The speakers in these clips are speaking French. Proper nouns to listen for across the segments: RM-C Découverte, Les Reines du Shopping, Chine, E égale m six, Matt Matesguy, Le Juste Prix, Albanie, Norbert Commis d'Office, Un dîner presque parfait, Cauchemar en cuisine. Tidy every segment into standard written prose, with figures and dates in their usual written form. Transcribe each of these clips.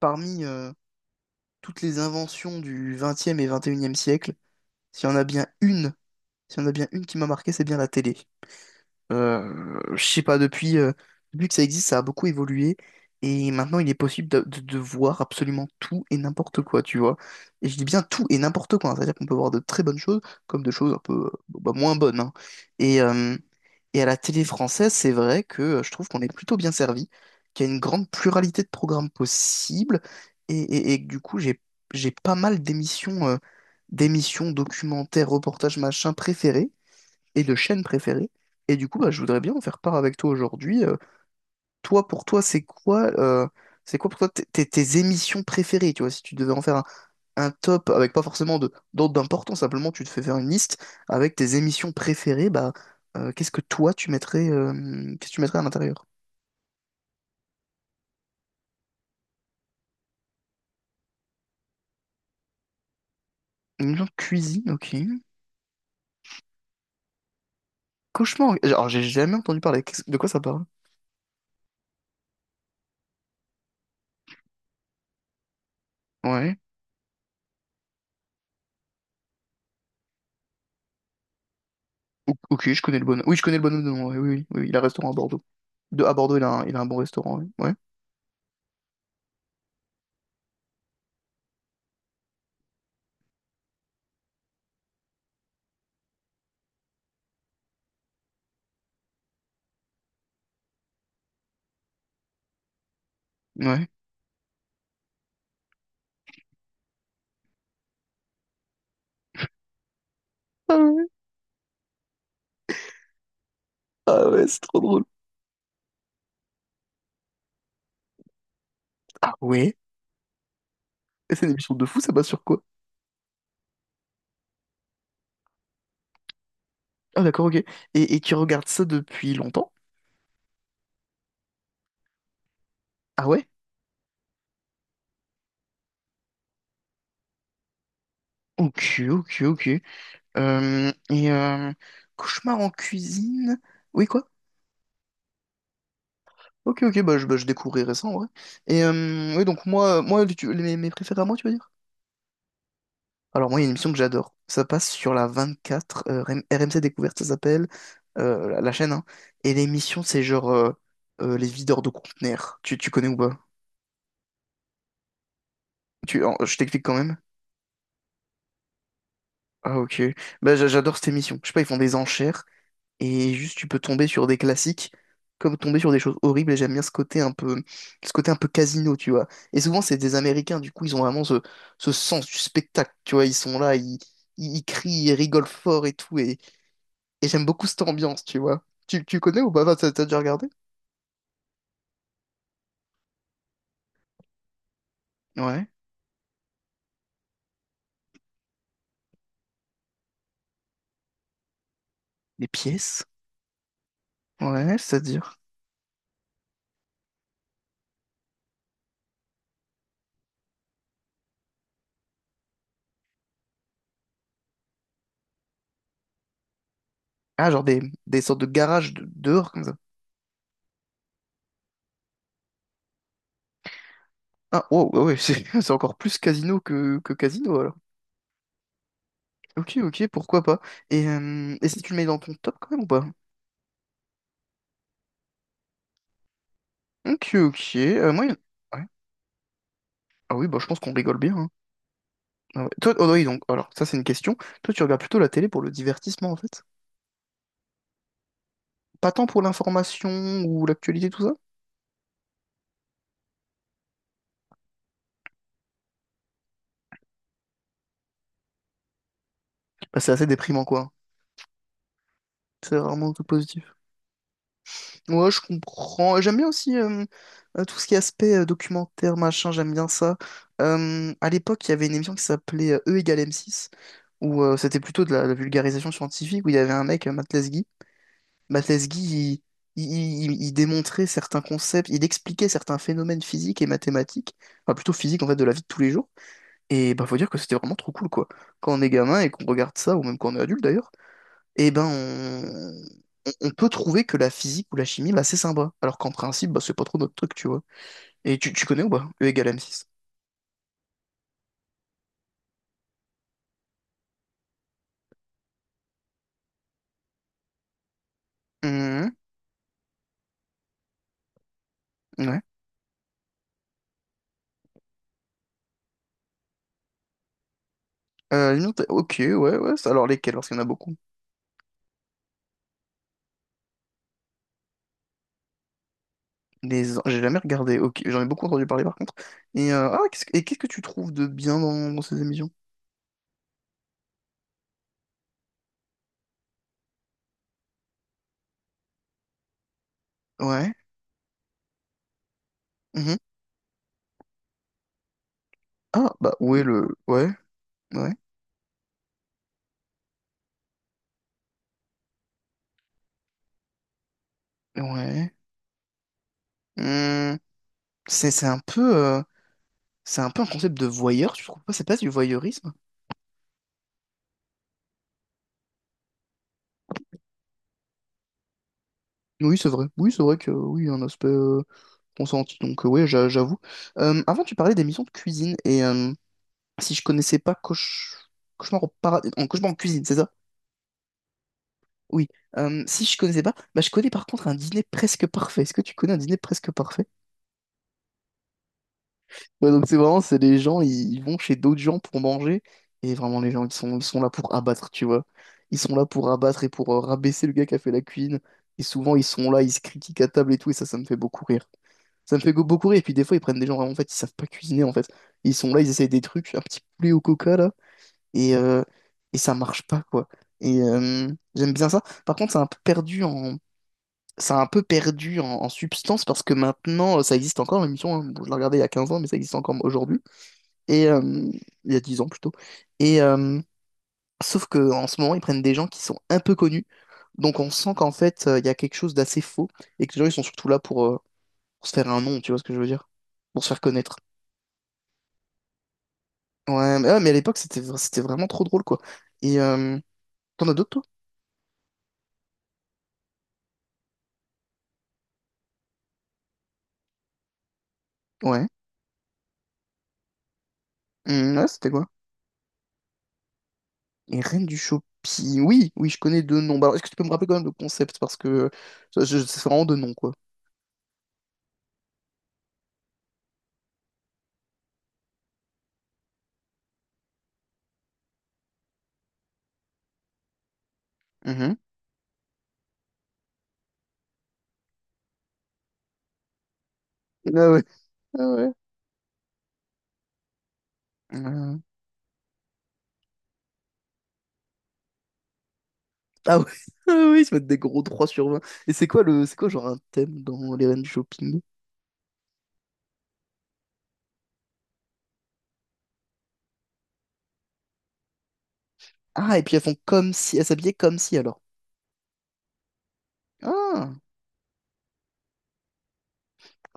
Parmi toutes les inventions du XXe et XXIe siècle, s'il y en a bien une, s'il y en a bien une qui m'a marqué, c'est bien la télé. Je sais pas, depuis que ça existe, ça a beaucoup évolué. Et maintenant, il est possible de voir absolument tout et n'importe quoi, tu vois. Et je dis bien tout et n'importe quoi, hein. C'est-à-dire qu'on peut voir de très bonnes choses comme de choses un peu bon, bah, moins bonnes, hein. Et, euh, et à la télé française, c'est vrai que je trouve qu'on est plutôt bien servi, qu'il y a une grande pluralité de programmes possibles. Et que du coup, j'ai pas mal d'émissions, documentaires, reportages, machin préférés, et de chaînes préférées. Et du coup, bah, je voudrais bien en faire part avec toi aujourd'hui. Toi, pour toi, c'est quoi pour toi tes émissions préférées, tu vois? Si tu devais en faire un top avec pas forcément de d'ordre d'importance, simplement tu te fais faire une liste avec tes émissions préférées, bah euh, qu'est-ce que toi tu mettrais, euh, qu'est-ce que tu mettrais à l'intérieur? Une émission de cuisine, ok. Cauchemar. Alors j'ai jamais entendu parler. De quoi ça parle? Ouais. Ok, je connais le bonhomme. Oui, je connais le bonhomme de nom. Ouais, oui, oui, oui, il a un restaurant à Bordeaux. À Bordeaux, il a un bon restaurant. Ouais. Ouais. Ouais. Ah ouais, c'est trop drôle. Ah ouais? C'est une émission de fou, ça passe sur quoi? Ah d'accord, ok. Et qui regarde ça depuis longtemps? Ah ouais? Ok, ok, ok. Et Cauchemar en cuisine? Oui, quoi? Ok, ok, bah, je découvrirai ça en vrai. Oui, donc moi, moi tu- les- mes, mes préférés à moi, tu veux dire? Alors moi, il y a une émission que j'adore. Ça passe sur la 24, RM- C Découverte, ça s'appelle, la chaîne, hein. Et l'émission, c'est genre les videurs de conteneurs. Tu connais ou pas? Je t'explique quand même. Ah ok. Bah, j'adore cette émission. Je sais pas, ils font des enchères et juste tu peux tomber sur des classiques comme tomber sur des choses horribles, et j'aime bien ce côté un peu casino, tu vois. Et souvent c'est des Américains, du coup ils ont vraiment ce sens du spectacle, tu vois, ils sont là, ils crient, ils rigolent fort et tout, et j'aime beaucoup cette ambiance, tu vois. Tu connais ou pas? Enfin, t'as déjà regardé? Ouais. Des pièces? Ouais, c'est-à-dire. Ah, genre des sortes de garages dehors comme ça. Ah, wow, ouais, ouais, c'est c'est encore plus casino que casino alors. Ok, ok, pourquoi pas. Et et si tu le mets dans ton top quand même ou pas? Ok, ok, moi, il ouais. Ah oui, bah je pense qu'on rigole bien, hein. Ah ouais. Toi, oh oui, donc, alors, ça c'est une question. Toi, tu regardes plutôt la télé pour le divertissement en fait? Pas tant pour l'information ou l'actualité, tout ça? Bah, c'est assez déprimant quoi. C'est rarement tout positif. Ouais, je comprends. J'aime bien aussi tout ce qui est aspect documentaire, machin, j'aime bien ça. À l'époque, il y avait une émission qui s'appelait E égale m six, où c'était plutôt de la vulgarisation scientifique, où il y avait un mec, Matt Matesguy. Il démontrait certains concepts, il expliquait certains phénomènes physiques et mathématiques, enfin plutôt physiques en fait, de la vie de tous les jours. Et bah faut dire que c'était vraiment trop cool quoi. Quand on est gamin et qu'on regarde ça, ou même quand on est adulte d'ailleurs, et ben on peut trouver que la physique ou la chimie, bah c'est sympa. Alors qu'en principe, bah c'est pas trop notre truc, tu vois. Et tu connais ou pas? E égale m six. Mhm, ouais. Ok, ouais, ouais. Alors lesquels? Parce qu'il y en a beaucoup. J'ai jamais regardé. Ok, j'en ai beaucoup entendu parler par contre. Ah, qu'est-ce que tu trouves de bien dans ces émissions? Ouais. Mhm. Ah bah ouais, le ouais, ouais, ouais. Hmm. C'est un peu un concept de voyeur. Tu trouves pas? C'est pas du voyeurisme? Oui c'est vrai. Oui c'est vrai que oui il y a un aspect consenti. Donc ouais, j'avoue. Avant tu parlais d'émissions de cuisine, et si je connaissais pas Cauchemar au paradis en Cauchemar en cuisine, c'est ça? Oui. Si je connaissais pas, bah, je connais par contre un dîner presque parfait. Est-ce que tu connais un dîner presque parfait? Ouais, donc c'est vraiment, c'est les gens, ils vont chez d'autres gens pour manger. Et vraiment, les gens, ils sont là pour abattre, tu vois. Ils sont là pour abattre et pour rabaisser le gars qui a fait la cuisine. Et souvent, ils sont là, ils se critiquent à table et tout. Et ça me fait beaucoup rire. Ça me fait beaucoup rire. Et puis des fois, ils prennent des gens vraiment, en fait, ils savent pas cuisiner, en fait. Ils sont là, ils essayent des trucs, un petit poulet au coca, là. Et, euh, et ça marche pas, quoi. Et euh, J'aime bien ça. Par contre, c'est un peu perdu en, ça a un peu perdu en substance, parce que maintenant, ça existe encore l'émission, hein. Bon, je l'ai regardée il y a 15 ans, mais ça existe encore aujourd'hui. Et euh, il y a 10 ans plutôt. Et euh, Sauf que en ce moment, ils prennent des gens qui sont un peu connus. Donc on sent qu'en fait, il y a quelque chose d'assez faux, et que les gens, ils sont surtout là pour se faire un nom, tu vois ce que je veux dire? Pour se faire connaître. Ouais, mais à l'époque, c'était vraiment trop drôle, quoi. Et euh, T'en as d'autres, toi? Ouais. Hmm, ouais, c'était quoi? Les Reines du Shopping. Oui, oui, je connais deux noms. Bah, alors, est-ce que tu peux me rappeler quand même le concept? Parce que ça, c'est vraiment deux noms, quoi. Mhm. Ah ouais. Ah ouais. Euh, Ah ouais. Ah oui, ils se mettent des gros 3 sur 20. Et c'est quoi le. C'est quoi genre un thème dans les Reines du Shopping? Ah, et puis elles font comme si. Elles s'habillaient comme si alors. Ah.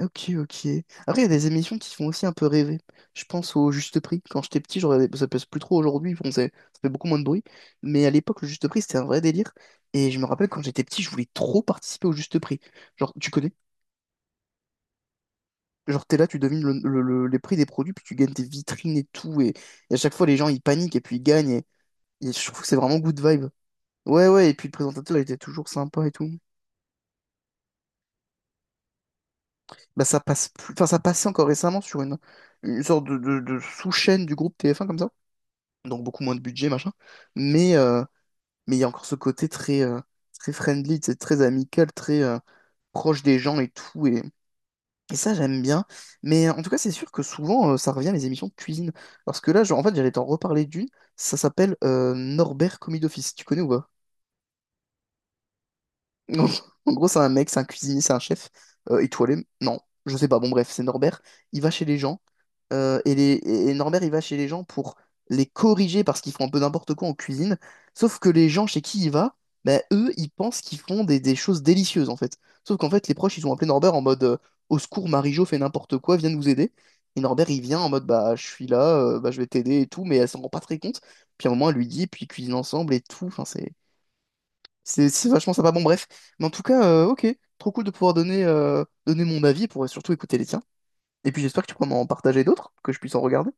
Ok, ok. Après, il y a des émissions qui font aussi un peu rêver. Je pense au Juste Prix. Quand j'étais petit, je regardais... ça passe plus trop aujourd'hui, bon, ça fait beaucoup moins de bruit. Mais à l'époque, le Juste Prix, c'était un vrai délire. Et je me rappelle, quand j'étais petit, je voulais trop participer au Juste Prix. Genre, tu connais? Genre, t'es là, tu devines les prix des produits, puis tu gagnes tes vitrines et tout. Et à chaque fois, les gens, ils paniquent et puis ils gagnent. Et je trouve que c'est vraiment good vibe. Ouais, ouais, et puis le présentateur, il était toujours sympa et tout. Bah, ça passe plus... Enfin, ça passait encore récemment sur une sorte de sous-chaîne du groupe TF1 comme ça. Donc beaucoup moins de budget, machin. Mais euh, mais il y a encore ce côté très, très friendly, tu sais, très amical, très proche des gens et tout. Et ça, j'aime bien. En tout cas, c'est sûr que souvent, ça revient les émissions de cuisine. Parce que là, en fait, j'allais t'en reparler d'une. Ça s'appelle Norbert Commis d'Office. Tu connais ou pas? En En gros, c'est un mec, c'est un cuisinier, c'est un chef étoilé. Non, je sais pas. Bon, bref, c'est Norbert. Il va chez les gens. Et Norbert, il va chez les gens pour les corriger parce qu'ils font un peu n'importe quoi en cuisine. Sauf que les gens chez qui il va, bah, eux, ils pensent qu'ils font des choses délicieuses en fait. Sauf qu'en fait, les proches, ils ont appelé Norbert en mode au secours, Marie-Jo fait n'importe quoi, viens nous aider. Et Norbert, il vient en mode bah, je suis là, bah, je vais t'aider et tout, mais elle s'en rend pas très compte. Puis à un moment, elle lui dit, puis ils cuisinent ensemble et tout. Enfin, c'est vachement sympa. Bon, bref. Mais en tout cas, ok, trop cool de pouvoir donner mon avis, pour surtout écouter les tiens. Et puis j'espère que tu pourras m'en partager d'autres, que je puisse en regarder.